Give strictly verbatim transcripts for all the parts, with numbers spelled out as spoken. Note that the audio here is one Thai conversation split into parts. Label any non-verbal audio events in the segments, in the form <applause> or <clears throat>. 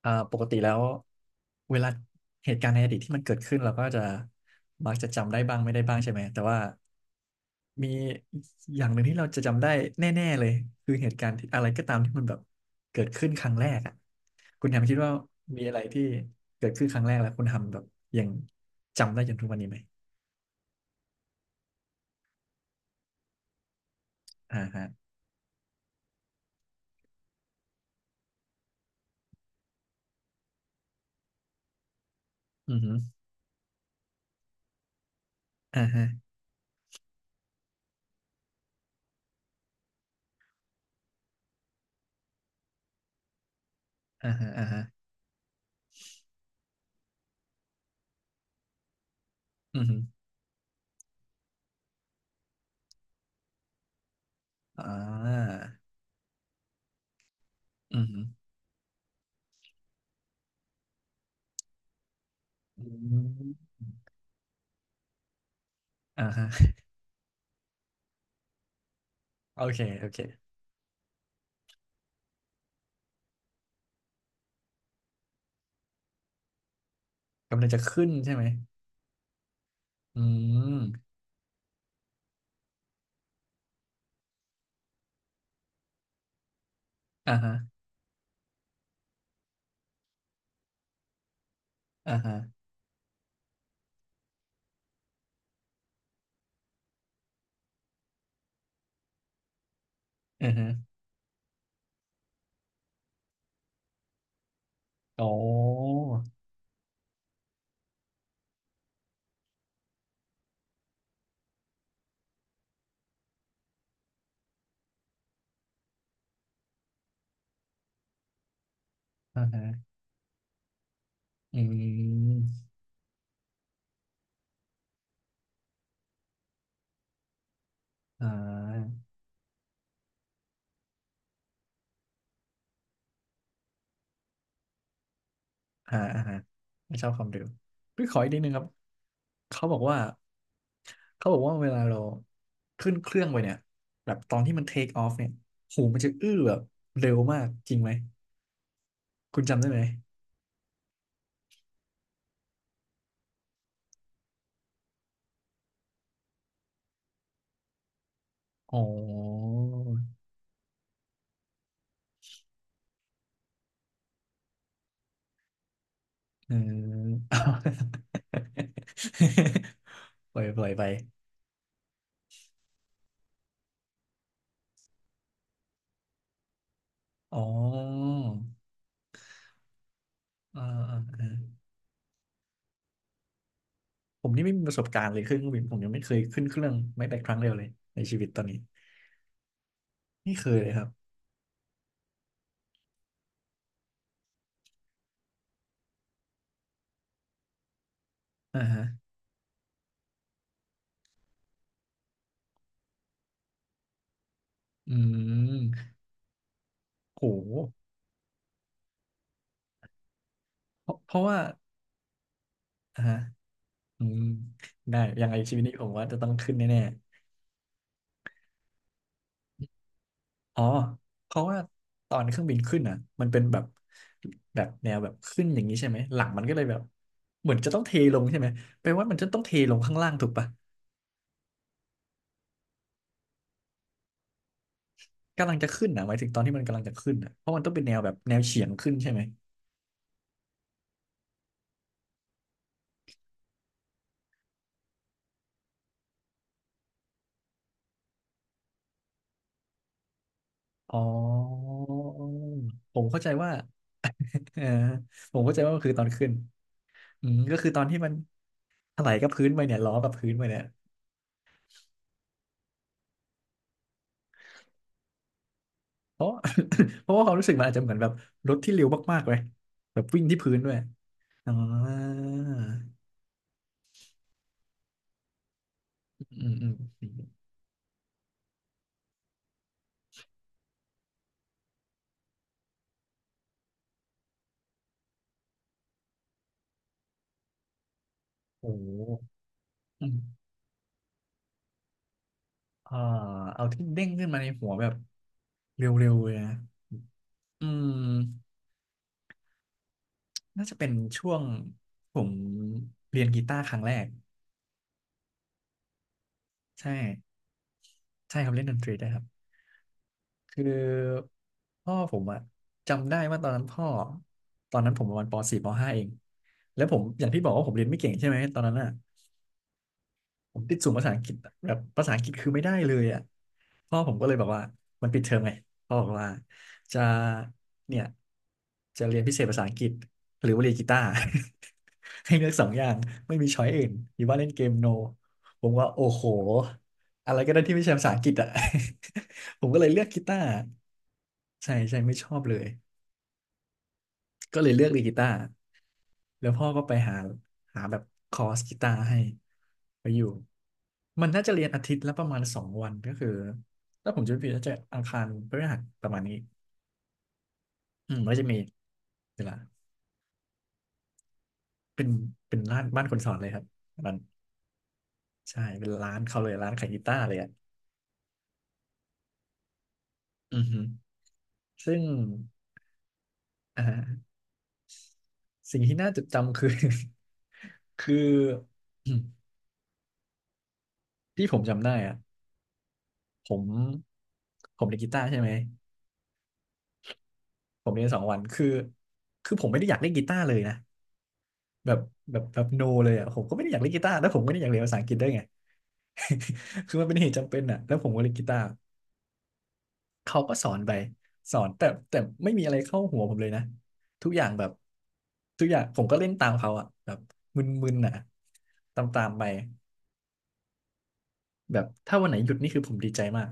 เอ่อปกติแล้วเวลาเหตุการณ์ในอดีตที่มันเกิดขึ้นเราก็จะมักจะจำได้บ้างไม่ได้บ้างใช่ไหมแต่ว่ามีอย่างหนึ่งที่เราจะจำได้แน่ๆเลยคือเหตุการณ์ที่อะไรก็ตามที่มันแบบเกิดขึ้นครั้งแรกอ่ะคุณแฮมคิดว่ามีอะไรที่เกิดขึ้นครั้งแรกแล้วคุณทำแบบยังจำได้จนทุกวันนี้ไหมอ่าฮะอือฮึอ่าฮะอ่าฮะอ่าฮะอือฮึอ่าอือฮึอืมอ่าฮะโอเคโอเคกำลังจะขึ้นใช่ไหม อืมอ่าฮะอ่าฮะอือฮะโอ้อ่าฮะอืมอ่าอ่าอ่าฮะไม่ชอบความเร็วพี่ขออีกนิดนึงครับเขาบอกว่า เขาบอกว่าเวลาเราขึ้นเครื่องไปเนี่ยแบบตอนที่มันเทคออฟเนี่ยหูมันจะอื้อแบบเร็วมากจริงไหม คุณจำได้ไหมอ๋อเออ <laughs> ปล่อยปล่อยไปอ๋ออ่าอ่าอ่า ผมนี่ไม่มีประสบการณ์เลยขึ้นเครื่องบินผมยังไม่เคยขึ้นเครื่องไม่แต่ครั้งเดียวเลยในชีวิตตอนนี้ไม่เคยเลยครับอ่าฮะอืมโหเพราะเพราะว่าอ่าฮะอืมได้ยังไงชีวิตนี้ผมว่าจะต้องขึ้นแน่ๆอ๋อเพราะว่าตอนเครื่องบินขึ้นอ่ะมันเป็นแบบแบบแนวแบบขึ้นอย่างนี้ใช่ไหมหลังมันก็เลยแบบเหมือนจะต้องเทลงใช่ไหมแปลว่ามันจะต้องเทลงข้างล่างถูกปะกำลังจะขึ้นอ่ะหมายถึงตอนที่มันกำลังจะขึ้นอ่ะเพราะมันต้องเป็นแนวแบบแนวเฉียงขึ้นใช่ไหม อ๋อผมเข้าใจว่าเออผมเข้าใจว่ามันคือตอนขึ้นอืมก็คือตอนที่มันถลายกับพื้นไปเนี่ยล้อกับพื้นไปเนี่ยเพราะ <coughs> <laughs> เพราะว่าความรู้สึกมันอาจจะเหมือนแบบรถที่เร็วมากๆเลยแบบวิ่งที่พื้นด้วยอ๋ออืมอืมอืมโอ้โหอืมอ่าเอาที่เด้งขึ้นมาในหัวแบบเร็วๆเลยนะอืมน่าจะเป็นช่วงผมเรียนกีตาร์ครั้งแรกใช่ใช่ครับเล่นดนตรีได้ครับ คือพ่อผมอะจำได้ว่าตอนนั้นพ่อตอนนั้นผมประมาณป .สี่ ป .ห้า เองแล้วผมอย่างที่บอกว่าผมเรียนไม่เก่งใช่ไหมตอนนั้นอะ ผมติดสูงภาษาอังกฤษอะแบบภาษาอังกฤษคือไม่ได้เลยอ่ะพ่อผมก็เลยแบบว่ามันปิดเทอมไงพ่อบอกว่าจะเนี่ยจะเรียนพิเศษภาษาอังกฤษหรือว่าเรียนกีตาร์ <laughs> ให้เลือกสองอย่างไม่มีช้อยอื่นหรือว่าเล่นเกมโนผมว่าโอ้โหอะไรก็ได้ที่ไม่ใช่ภาษาอังกฤษอ่ะ <laughs> ผมก็เลยเลือกกีตาร์ใช่ใช่ไม่ชอบเลย ก็เลยเลือกดีดกีตาร์แล้วพ่อก็ไปหาหาแบบคอร์สกีตาร์ให้ไปอยู่ มันน่าจะเรียนอาทิตย์ละประมาณสองวันก็คือถ้าผมจะไม่ผิดน่าจะอังคารพฤหัสประมาณนี้อืมมันก็จะมีเวลาเป็นเป็นร้านบ้านคนสอนเลยครับ มันใช่เป็นร้านเขาเลยร้านขายกีตาร์เลยอ่ะอือฮึซึ่งอ่าสิ่งที่น่าจดจำคือ <laughs> คือ <clears throat> ที่ผมจำได้อ่ะผมผมเล่นกีตาร์ใช่ไหม ผมเรียนสองวันคือ คือผมไม่ได้อยากเล่นกีตาร์เลยนะแบบแบบแบบโนเลยอ่ะผมก็ไม่ได้อยากเล่นกีตาร์แล้วผมก็ไม่ได้อยากเรียนภาษาอังกฤษด้วยไง <laughs> คือมันเป็นเหตุจำเป็นอ่ะแล้วผมก็เล่นกีตาร์เขาก็สอนไปสอนแต่แต่ไม่มีอะไรเข้าหัวผมเลยนะทุกอย่างแบบทุกอย่างผมก็เล่นตามเขาอ่ะแบบมึนๆอ่ะตามๆไปแบบถ้าวันไหนหยุดนี่คือผมดีใจมาก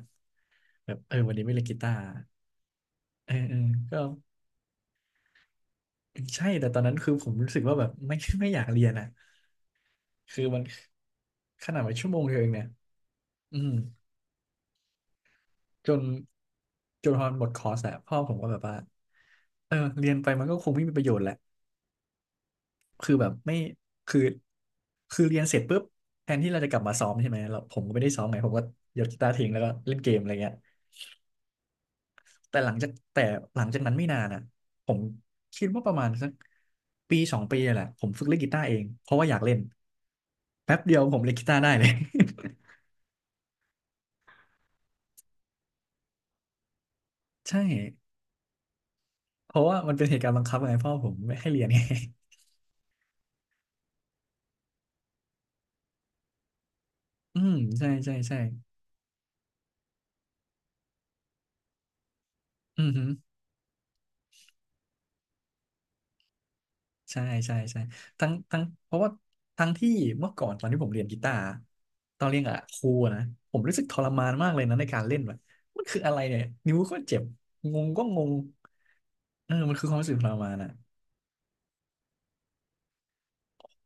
แบบเออวันนี้ไม่เล่นกีตาร์เออเออก็ใช่แต่ตอนนั้นคือผมรู้สึกว่าแบบไม่ <laughs> ไม่อยากเรียนอ่ะ คือมันขนาดว่าชั่วโมงเดียวเองเนี่ยอืมจนจนพอมันหมดคอร์สอะพ่อผมก็แบบว่าเออเรียนไปมันก็คงไม่มีประโยชน์แหละคือแบบไม่คือคือเรียนเสร็จปุ๊บแทนที่เราจะกลับมาซ้อมใช่ไหมเราผมก็ไม่ได้ซ้อมไงผมก็ยกกีตาร์ทิ้งแล้วก็เล่นเกมอะไรเงี้ยแต่หลังจากแต่หลังจากนั้นไม่นานอะผมคิดว่าประมาณสักปีสองปีเนี่ยแหละผมฝึกเล่นกีตาร์เองเพราะว่าอยากเล่นแป๊บเดียวผมเล่นกีตาร์ได้เลย <laughs> ใช่ เพราะว่ามันเป็นเหตุการณ์บังคับไงพ่อผมไม่ให้เรียนไง <laughs> อืมใช่ใช่ใช่อือหือใช่ใช่ใช่ทั้งทั้งเพราะว่าทั้งที่เมื่อก่อนตอนที่ผมเรียนกีตาร์ตอนเรียนกับครูอนะผมรู้สึกทรมานมากเลยนะในการเล่นแบบมันคืออะไรเนี่ยนิ้วก็เจ็บงงก็งงเออมันคือความรู้สึกทรมานอ่ะ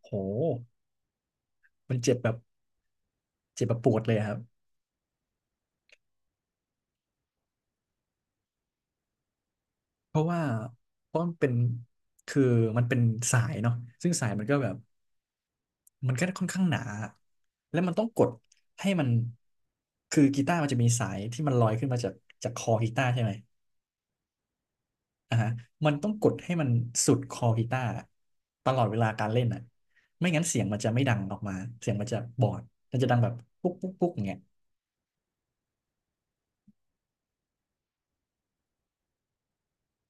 โหมันเจ็บแบบเจ็บแบบปวดเลยอะครับเพราะว่าเพราะมันเป็นคือมันเป็นสายเนาะซึ่งสายมันก็แบบ มันก็ค่อนข้างหนา แล้วมันต้องกดให้มันคือกีตาร์มันจะมีสายที่มันลอยขึ้นมาจากจากคอกีตาร์ใช่ไหมอ่าฮะมันต้องกดให้มันสุดคอกีตาร์ตลอดเวลาการเล่นอ่ะไม่งั้นเสียงมันจะไม่ดังออกมาเสียงมันจะบอด มันจะดังแบบปุ๊กปุ๊กปุ๊กอย่างเงี้ย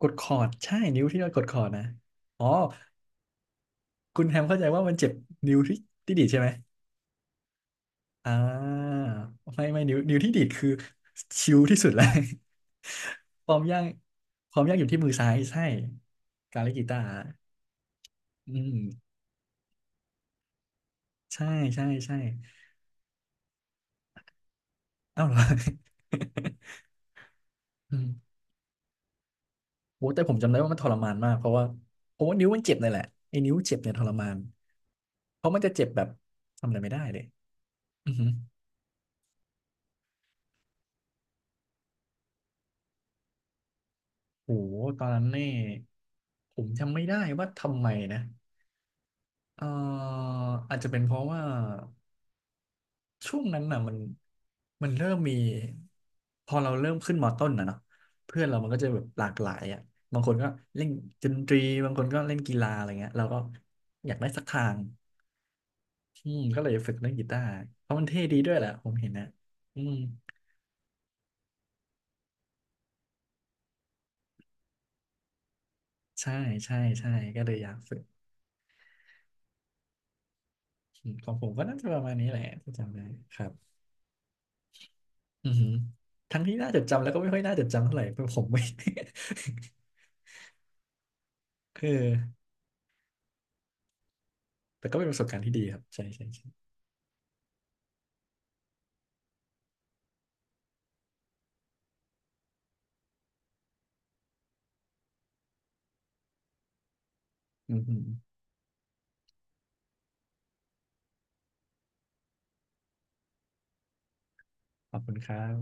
กดคอร์ด ใช่ นิ้วที่เรากดคอร์ดนะอ๋อคุณแฮมเข้าใจว่ามันเจ็บนิ้วที่ที่ดีดใช่ไหม อ่าไม่ไม่นิ้วนิ้วที่ดีดคือชิลที่สุดแล้ว <laughs> ความยากความยากอยู่ที่มือซ้ายใช่การเล่นกีตาร์อืมใช่ใช่ใช่เอ้าเหรอ <laughs> อืมโอ้แต่ผมจำได้ว่ามันทรมานมากเพราะว่าเพราะว่านิ้วมันเจ็บเลยแหละไอ้นิ้วเจ็บเนี่ยทรมานเพราะมันจะเจ็บแบบทำอะไรไม่ได้เลยอือหือโหตอนนั้นนี่ผมจำไม่ได้ว่าทำไมนะเอ่ออาจจะเป็นเพราะว่า ช่วงนั้นน่ะมันมันเริ่มมีพอเราเริ่มขึ้นมต้นนะเนาะเพื่อนเรามันก็จะแบบหลากหลายอ่ะบางคนก็เล่นดนตรีบางคนก็เล่นกีฬาอะไรเงี้ยเราก็อยากได้สักทางอืมก็เลยฝึกเล่นกีตาร์เพราะมันเท่ดีด้วยแหละผมเห็นนะอืมใช่ใช่ใช่ก็เลยอยากฝึกอืมของผมก็น่าจะประมาณนี้แหละที่จำได้ครับอือหือทั้งที่น่าจดจำแล้วก็ไม่ค่อยน่าจดจำเท่าไหร่เพราะผมไม่ <laughs> คือแต่ก็เป็นประสบการณ์ที่ดีครับใช่ใช่ใช่อือหือ ขอบคุณครับ